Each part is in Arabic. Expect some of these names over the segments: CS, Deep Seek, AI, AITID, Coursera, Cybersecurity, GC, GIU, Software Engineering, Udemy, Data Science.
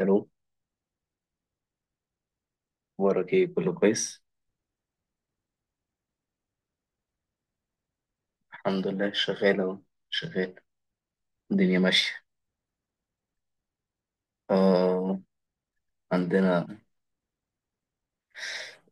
الو. اخبارك ايه؟ كله كويس. الحمد لله، شغال اهو، شغال، الدنيا ماشية. آه عندنا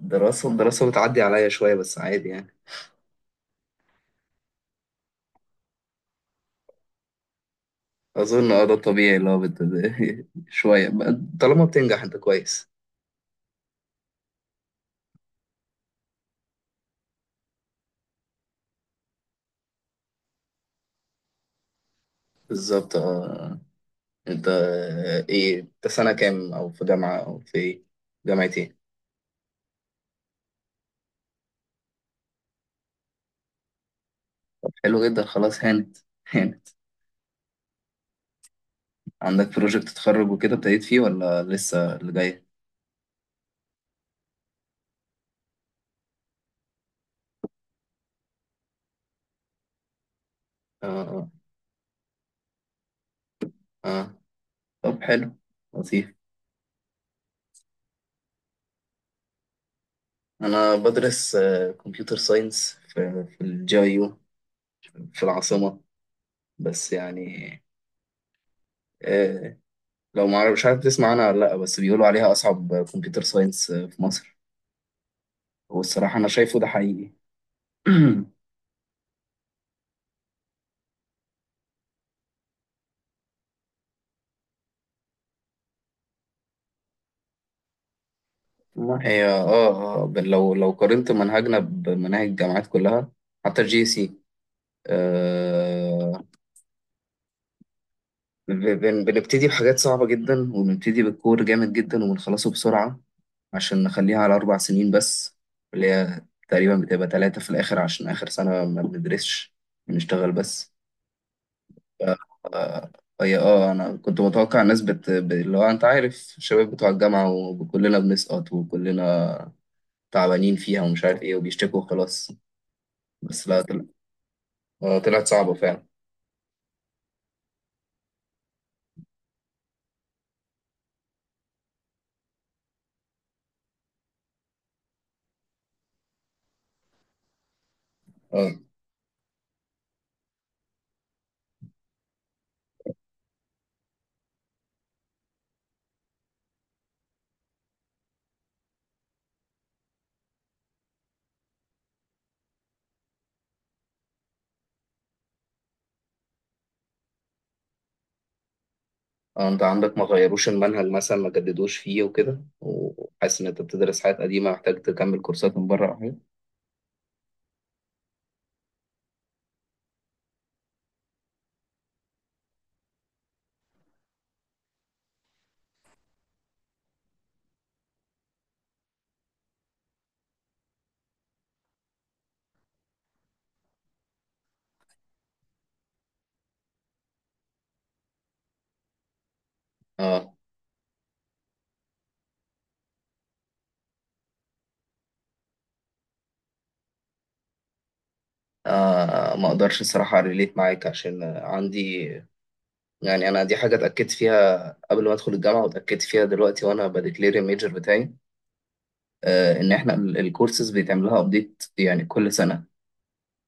الدراسة بتعدي عليا شوية بس عادي يعني. أظن ده الطبيعي اللي هو شوية طالما بتنجح أنت كويس. بالظبط اه. أنت، إيه؟ أنت سنة كام؟ أو في جامعة، أو في إيه؟ جامعة إيه؟ حلو جدا، خلاص هانت، هانت. عندك بروجكت تتخرج وكده، ابتديت فيه ولا لسه اللي جاي؟ اه، اه، اه. طب حلو، لطيف. أنا بدرس كمبيوتر ساينس في الجي آي يو، في العاصمة. بس يعني، آه، لو ما عارف- مش عارف تسمع عنها ولا لأ، بس بيقولوا عليها أصعب كمبيوتر ساينس في مصر. والصراحة أنا شايفه ده حقيقي. والله هي اه اه، لو قارنت منهجنا بمناهج الجامعات كلها، حتى الجي سي. آه ب- بنبتدي بحاجات صعبة جدا، وبنبتدي بالكور جامد جدا، وبنخلصه بسرعة عشان نخليها على 4 سنين بس. اللي هي تقريبا بتبقى تلاتة في الآخر، عشان آخر سنة ما بندرسش، بنشتغل بس. ف... آه، هي اه، أنا كنت متوقع الناس اللي هو أنت عارف الشباب بتوع الجامعة، وكلنا بنسقط، وكلنا تعبانين فيها، ومش عارف إيه، وبيشتكوا وخلاص. بس لا، طلعت صعبة فعلا. اه، انت عندك ما غيروش المنهج مثلا، ما جددوش فيه وكده، وحاسس ان انت بتدرس حاجات قديمه، محتاج تكمل كورسات من بره او حاجه؟ اه، ما اقدرش الصراحه ريليت معاك، عشان عندي يعني، انا دي حاجه اتاكدت فيها قبل ما ادخل الجامعه، واتاكدت فيها دلوقتي وانا بديكلير الميجر بتاعي. ان احنا الكورسز بيتعمل لها ابديت يعني كل سنه.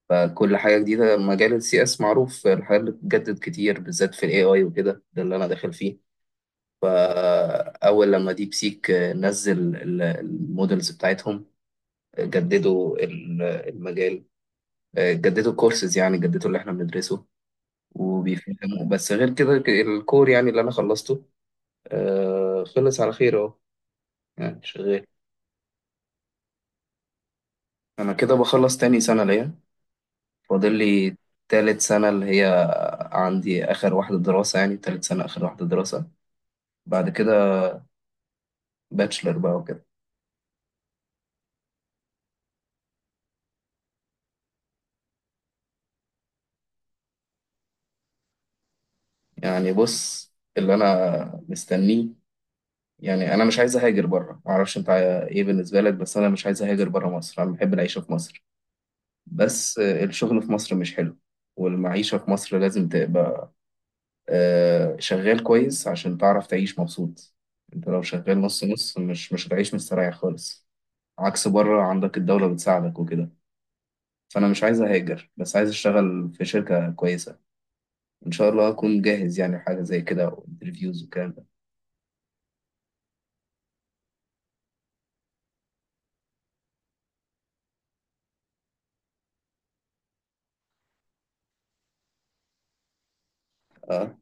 فكل حاجه جديده، مجال السي اس معروف الحاجات اللي بتتجدد كتير، بالذات في الاي اي وكده، ده اللي انا داخل فيه. فاول لما ديب سيك نزل المودلز بتاعتهم، جددوا المجال، جددوا الكورسز، يعني جددوا اللي احنا بندرسه وبيفهموا. بس غير كده، الكور يعني اللي انا خلصته، خلص على خير اهو، يعني شغال. انا كده بخلص تاني سنة ليا، فاضل لي تالت سنة، اللي هي عندي اخر واحدة دراسة، يعني تالت سنة اخر واحدة دراسة، بعد كده باتشلر بقى وكده. يعني بص، اللي انا مستنيه، يعني انا مش عايز اهاجر بره، معرفش انت ايه بالنسبة لك، بس انا مش عايز اهاجر بره مصر، انا بحب العيشة في مصر. بس الشغل في مصر مش حلو، والمعيشة في مصر لازم تبقى شغال كويس عشان تعرف تعيش مبسوط. انت لو شغال نص نص، مش هتعيش مستريح خالص، عكس بره عندك الدولة بتساعدك وكده. فانا مش عايز اهاجر، بس عايز اشتغل في شركة كويسة، ان شاء الله اكون جاهز يعني حاجة زي كده وانترفيوز والكلام ده. اه،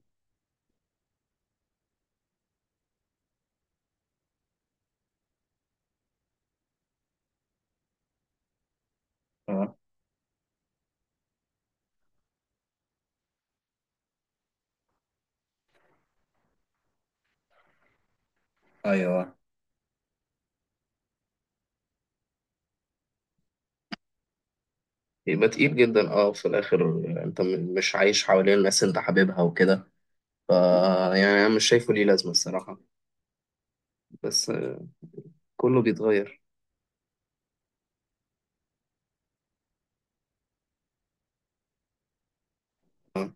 اه، ايوه. يبقى تقيل جدا، اه، في الاخر. انت مش عايش حوالين الناس اللي انت حاببها وكده. ف، يعني انا مش شايفه ليه لازمة الصراحة. بس كله بيتغير. اه،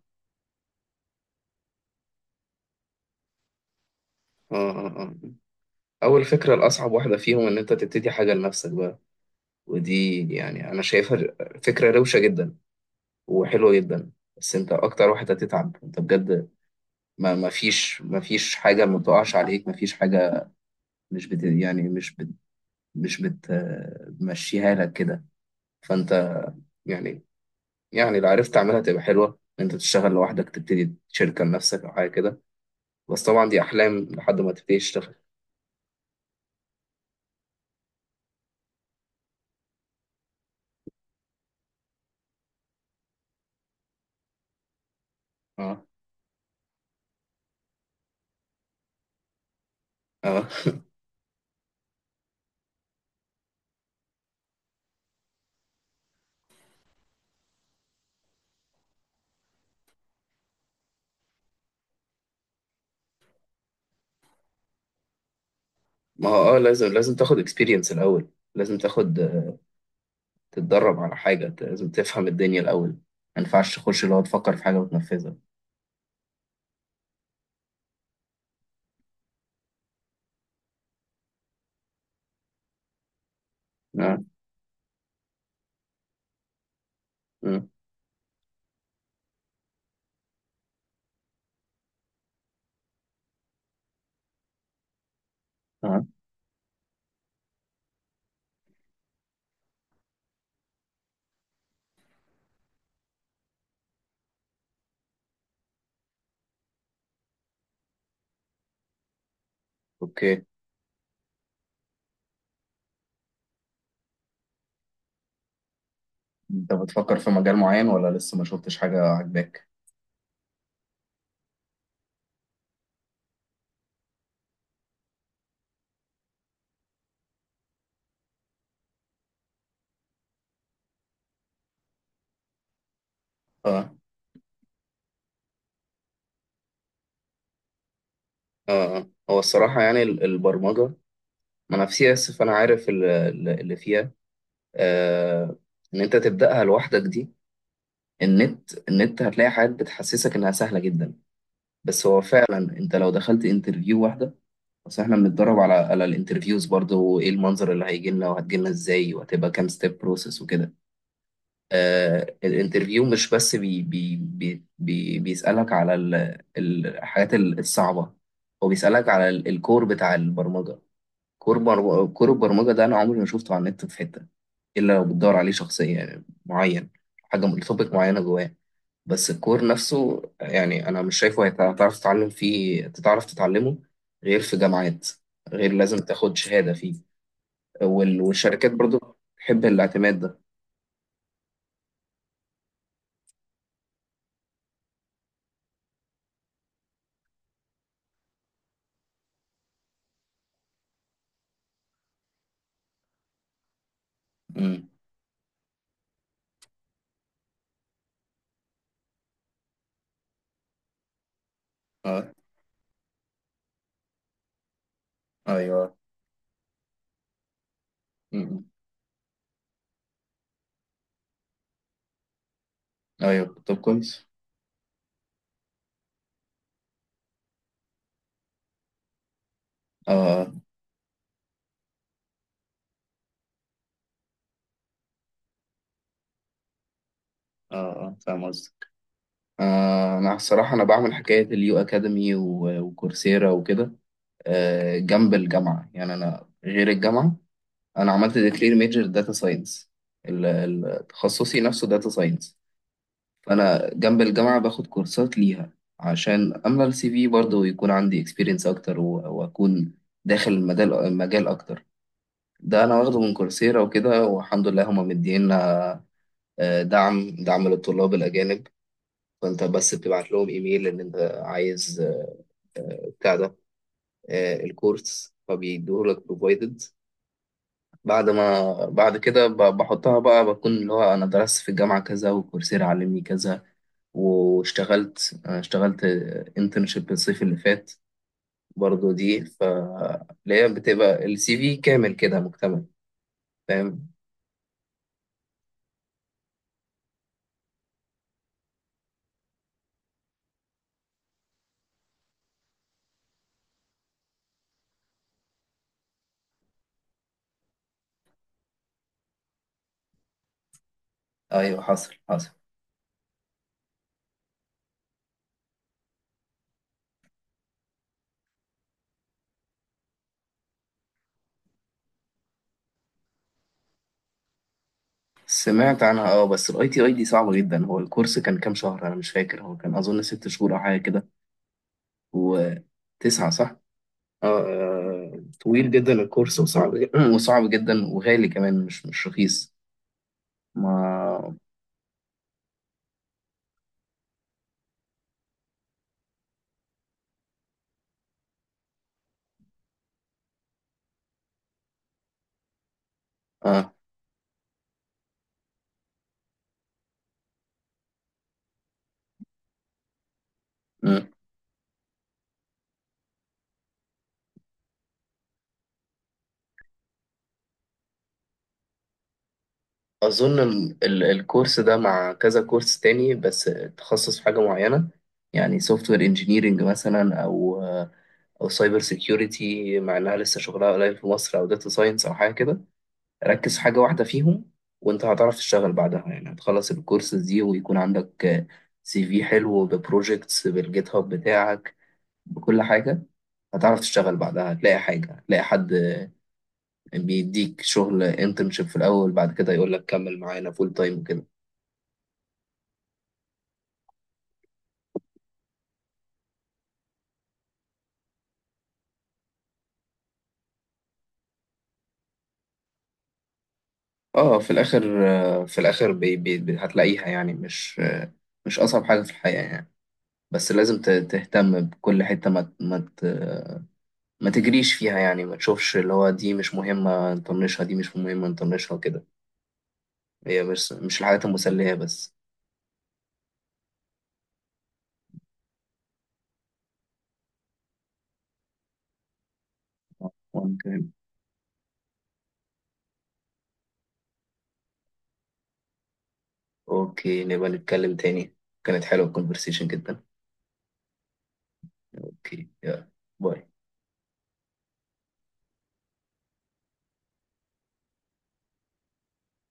اه، اه. اول فكره، الاصعب واحده فيهم ان انت تبتدي حاجه لنفسك بقى. ودي يعني انا شايفها فكره روشه جدا وحلوه جدا. بس انت اكتر واحد هتتعب انت بجد، ما فيش، حاجه ما بتقعش عليك، ما فيش حاجه، مش بت يعني مش بتمشيها لك كده. فانت يعني يعني لو عرفت تعملها تبقى حلوه، إن انت تشتغل لوحدك، تبتدي شركه لنفسك او حاجه كده، بس طبعا دي احلام لحد ما تبتدي تشتغل. اه، اه. ما هو اه، لازم تاخد اكسبيرينس الاول، لازم تاخد، تتدرب على حاجة، لازم تفهم الدنيا الأول، ما ينفعش تخش اللي هو تفكر في حاجة وتنفذها. آه. آه. آه. أوكي. أنت بتفكر في مجال معين ولا لسه ما شفتش حاجة عاجباك؟ آه. آه. آه. هو الصراحة يعني البرمجة، ما أنا في سي إس فأنا عارف اللي فيها. آه. إن أنت تبدأها لوحدك دي، النت هتلاقي حاجات بتحسسك إنها سهلة جدا، بس هو فعلا أنت لو دخلت انترفيو واحدة. بس احنا بنتدرب على الانترفيوز برضه، وايه المنظر اللي هيجي لنا وهتجي لنا ازاي، وهتبقى كام ستيب بروسيس وكده. الانترفيو مش بس بي بي بي بي بيسألك على الحاجات الصعبة، هو بيسألك على الكور بتاع البرمجة. كور البرمجة ده انا عمري ما شفته على النت في حتة، الا لو بتدور عليه شخصيا يعني معين، حاجة توبيك معينة جواه. بس الكور نفسه يعني انا مش شايفه هتعرف تتعلم فيه تتعرف تتعلمه غير في جامعات، غير لازم تاخد شهادة فيه. والشركات برضو بتحب الاعتماد ده. امم، اه، ايوه. امم، ايوه، طب كويس. اه، اه، اه، فاهم قصدك. آه، انا الصراحة انا بعمل حكاية اليو اكاديمي وكورسيرا وكده، آه جنب الجامعة، يعني انا غير الجامعة، انا عملت ديكلير ميجر داتا ساينس، تخصصي نفسه داتا ساينس. فانا جنب الجامعه باخد كورسات ليها عشان املى السي في برضه، ويكون عندي اكسبيرينس اكتر واكون داخل المجال اكتر. ده انا واخده من كورسيرا وكده، والحمد لله هما مدينا دعم، دعم للطلاب الاجانب. فانت بس بتبعت لهم ايميل ان انت عايز بتاع ده، الكورس فبيدوه لك بروفايدد. بعد ما بعد كده، بحطها بقى، بكون اللي هو انا درست في الجامعه كذا، وكورسيرا علمني كذا. اشتغلت انترنشيب الصيف اللي فات برضه دي، فهي بتبقى السي في كامل كده مكتمل، فاهم؟ ايوه، حصل، حصل. سمعت عنها اه، بس الاي تي اي دي صعبة جدا. هو الكورس كان كام شهر؟ انا مش فاكر، هو كان اظن 6 شهور او حاجة كده. وتسعة، صح؟ اه. طويل جدا الكورس وصعب، وصعب جدا، وغالي كمان، مش رخيص. ما اه، أظن الكورس ده مع كذا كورس تاني، بس تخصص في حاجة معينة، يعني سوفت وير انجينيرنج مثلا، أو سايبر سيكيورتي، مع إنها لسه شغلها قليل في مصر، أو داتا ساينس أو حاجة كده. ركز في حاجة واحدة فيهم، وأنت هتعرف تشتغل بعدها، يعني هتخلص الكورس دي ويكون عندك سي في حلو ببروجيكتس بالجيت هاب بتاعك بكل حاجة، هتعرف تشتغل بعدها، هتلاقي حاجة، هتلاقي حد بيديك شغل انترنشيب في الأول، بعد كده يقول لك كمل معانا فول تايم وكده. اه، في الاخر، في الاخر هتلاقيها، يعني مش، مش اصعب حاجه في الحياه يعني، بس لازم تهتم بكل حته، ما تجريش فيها يعني، ما تشوفش اللي هو دي مش مهمه نطنشها، دي مش مهمه نطنشها وكده، هي مش الحاجات المسليه بس. ممكن. اوكي، نبقى نتكلم تاني، كانت حلوه الكونفرسيشن جدا. اوكي، يلا، باي.